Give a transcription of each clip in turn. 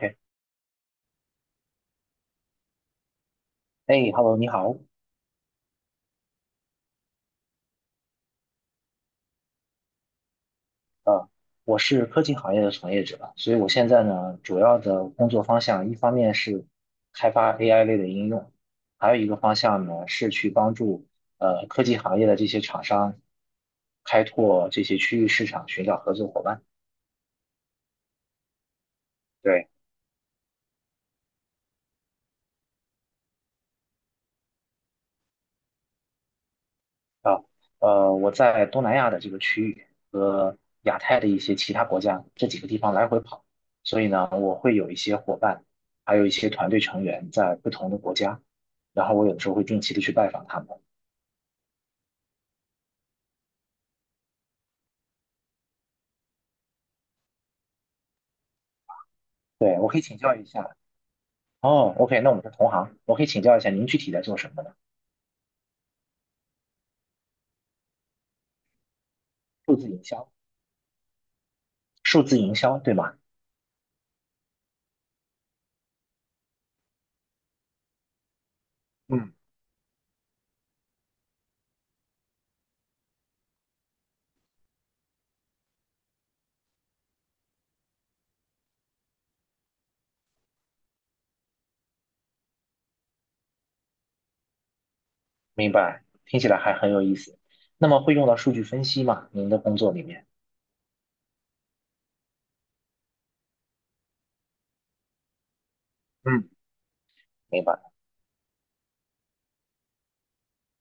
哎哎，Hello，你好，呃，我是科技行业的从业者，所以我现在呢，主要的工作方向，一方面是开发 AI 类的应用，还有一个方向呢，是去帮助科技行业的这些厂商开拓这些区域市场，寻找合作伙伴。对。啊，我在东南亚的这个区域和亚太的一些其他国家这几个地方来回跑，所以呢，我会有一些伙伴，还有一些团队成员在不同的国家，然后我有的时候会定期的去拜访他们。对，我可以请教一下。哦，OK，那我们是同行，我可以请教一下您具体在做什么呢？数字营销，数字营销，对吗？嗯，明白，听起来还很有意思。那么会用到数据分析吗？您的工作里面？嗯，明白。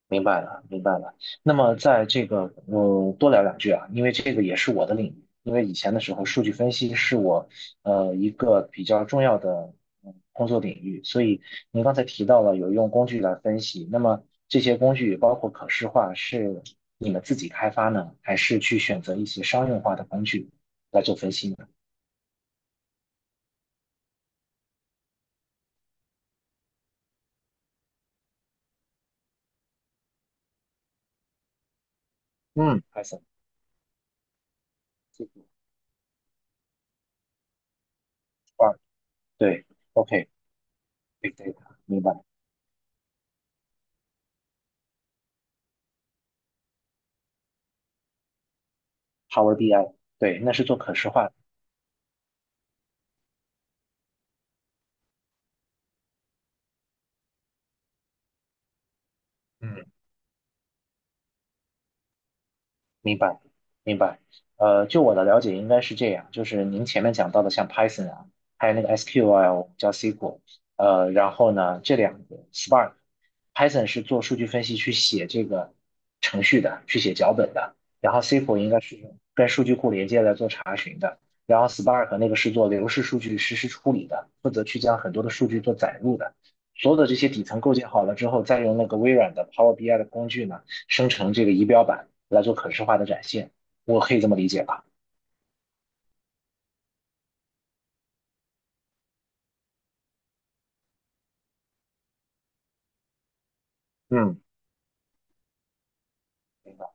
明白了，明白了。那么在这个，我多聊两句啊，因为这个也是我的领域。因为以前的时候，数据分析是我一个比较重要的工作领域。所以您刚才提到了有用工具来分析，那么这些工具包括可视化，是你们自己开发呢，还是去选择一些商用化的工具来做分析呢？嗯，Python 这个话对，OK，Big Data，明白。Power BI，对，那是做可视化的。嗯。明白，明白。就我的了解，应该是这样，就是您前面讲到的，像 Python 啊，还有那个 SQL 叫 SQL，然后呢，这两个 Spark，Python 是做数据分析去写这个程序的，去写脚本的，然后 SQL 应该是跟数据库连接来做查询的，然后 Spark 那个是做流式数据实时处理的，负责去将很多的数据做载入的。所有的这些底层构建好了之后，再用那个微软的 Power BI 的工具呢，生成这个仪表板。来做可视化的展现，我可以这么理解吧？嗯，明白。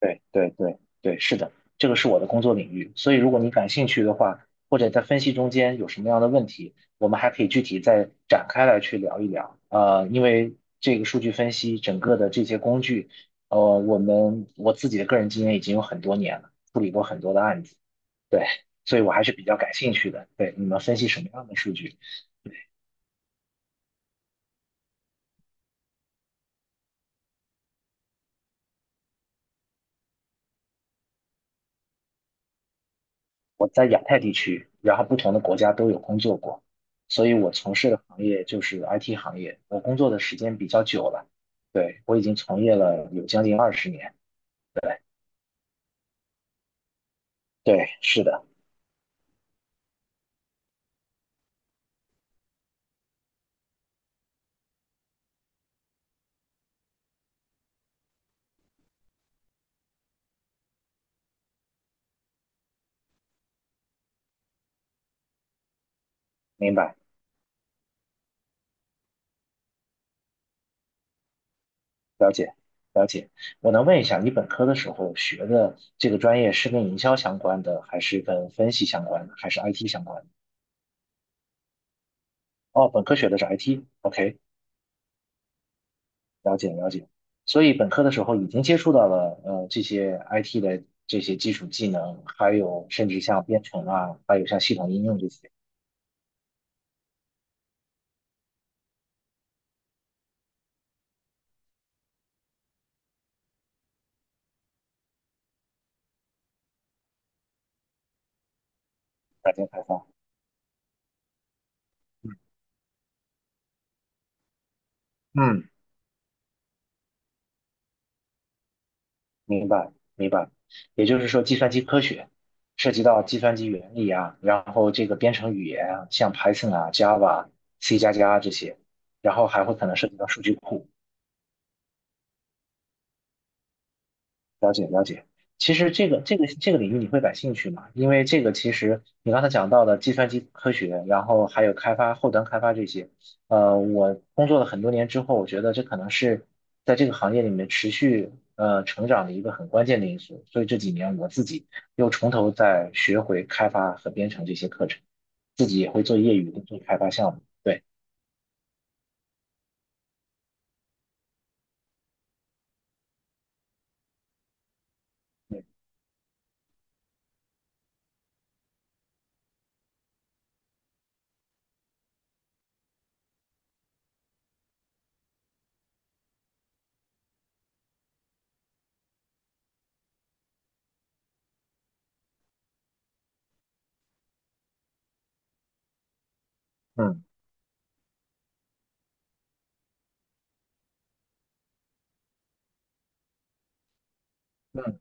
对对对对，是的，这个是我的工作领域，所以如果你感兴趣的话，或者在分析中间有什么样的问题，我们还可以具体再展开来去聊一聊。因为这个数据分析整个的这些工具，我们我自己的个人经验已经有很多年了，处理过很多的案子，对，所以我还是比较感兴趣的。对，你们分析什么样的数据？我在亚太地区，然后不同的国家都有工作过，所以我从事的行业就是 IT 行业。我工作的时间比较久了，对，我已经从业了有将近二十年。对，对，是的，明白，了解，了解。我能问一下，你本科的时候学的这个专业是跟营销相关的，还是跟分析相关的，还是 IT 相关的？哦，本科学的是 IT，OK，了解了解，所以本科的时候已经接触到了这些 IT 的这些基础技能，还有甚至像编程啊，还有像系统应用这些软件开发。嗯，嗯，明白明白。也就是说，计算机科学涉及到计算机原理啊，然后这个编程语言啊，像 Python 啊、Java、C 加加这些，然后还会可能涉及到数据库。了解了解。其实这个领域你会感兴趣吗？因为这个其实你刚才讲到的计算机科学，然后还有开发后端开发这些，我工作了很多年之后，我觉得这可能是在这个行业里面持续成长的一个很关键的因素。所以这几年我自己又从头再学回开发和编程这些课程，自己也会做业余的做开发项目。对，对，嗯嗯。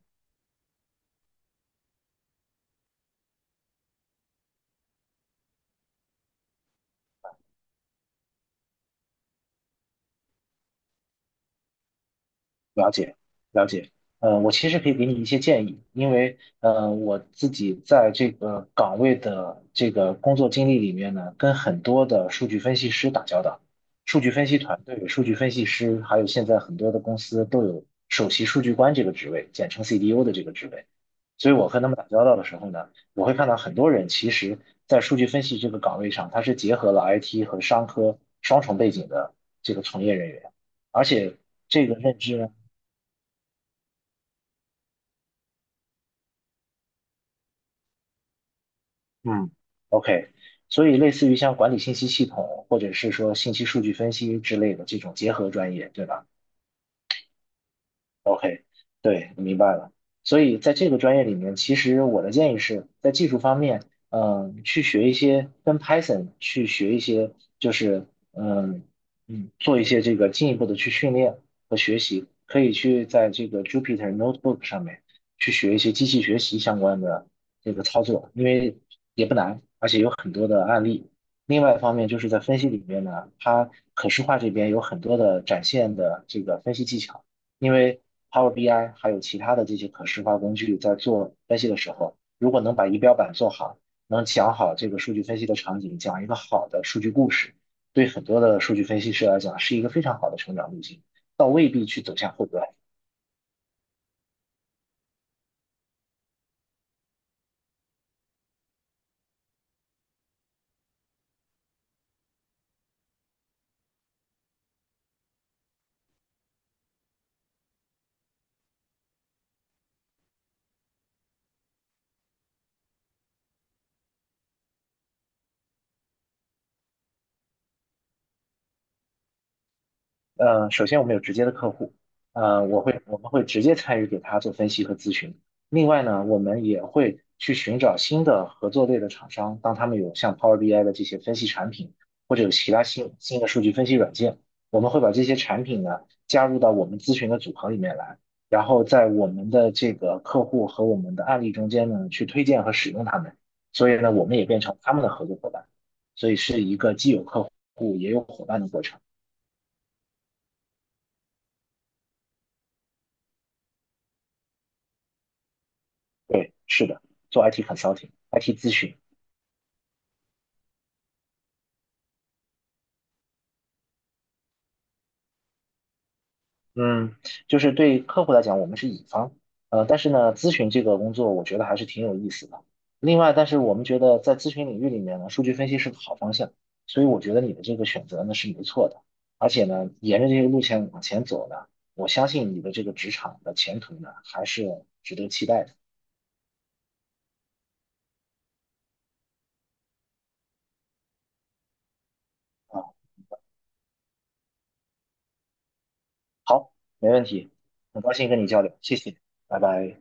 了解，了解。我其实可以给你一些建议，因为我自己在这个岗位的这个工作经历里面呢，跟很多的数据分析师打交道，数据分析团队、数据分析师，还有现在很多的公司都有首席数据官这个职位，简称 CDO 的这个职位。所以我和他们打交道的时候呢，我会看到很多人其实在数据分析这个岗位上，他是结合了 IT 和商科双重背景的这个从业人员。而且这个认知呢，嗯，OK，所以类似于像管理信息系统，或者是说信息数据分析之类的这种结合专业，对吧？OK，对，明白了。所以在这个专业里面，其实我的建议是在技术方面，去学一些跟 Python 去学一些，就是嗯做一些这个进一步的去训练和学习，可以去在这个 Jupyter Notebook 上面去学一些机器学习相关的这个操作，因为也不难，而且有很多的案例。另外一方面就是在分析里面呢，它可视化这边有很多的展现的这个分析技巧。因为 Power BI 还有其他的这些可视化工具在做分析的时候，如果能把仪表板做好，能讲好这个数据分析的场景，讲一个好的数据故事，对很多的数据分析师来讲是一个非常好的成长路径，倒未必去走向后端。首先我们有直接的客户，我们会直接参与给他做分析和咨询。另外呢，我们也会去寻找新的合作类的厂商，当他们有像 Power BI 的这些分析产品，或者有其他新的数据分析软件，我们会把这些产品呢加入到我们咨询的组合里面来，然后在我们的这个客户和我们的案例中间呢去推荐和使用他们。所以呢，我们也变成他们的合作伙伴，也有伙伴的过程。是的，做 IT consulting、IT 咨询。嗯，就是对客户来讲，我们是乙方，但是呢，咨询这个工作，我觉得还是挺有意思的。另外，但是我们觉得在咨询领域里面呢，数据分析是个好方向，所以我觉得你的这个选择呢是没错的。而且呢，沿着这个路线往前走呢，我相信你的这个职场的前途呢还是值得期待的啊。好，没问题，很高兴跟你交流，谢谢，拜拜。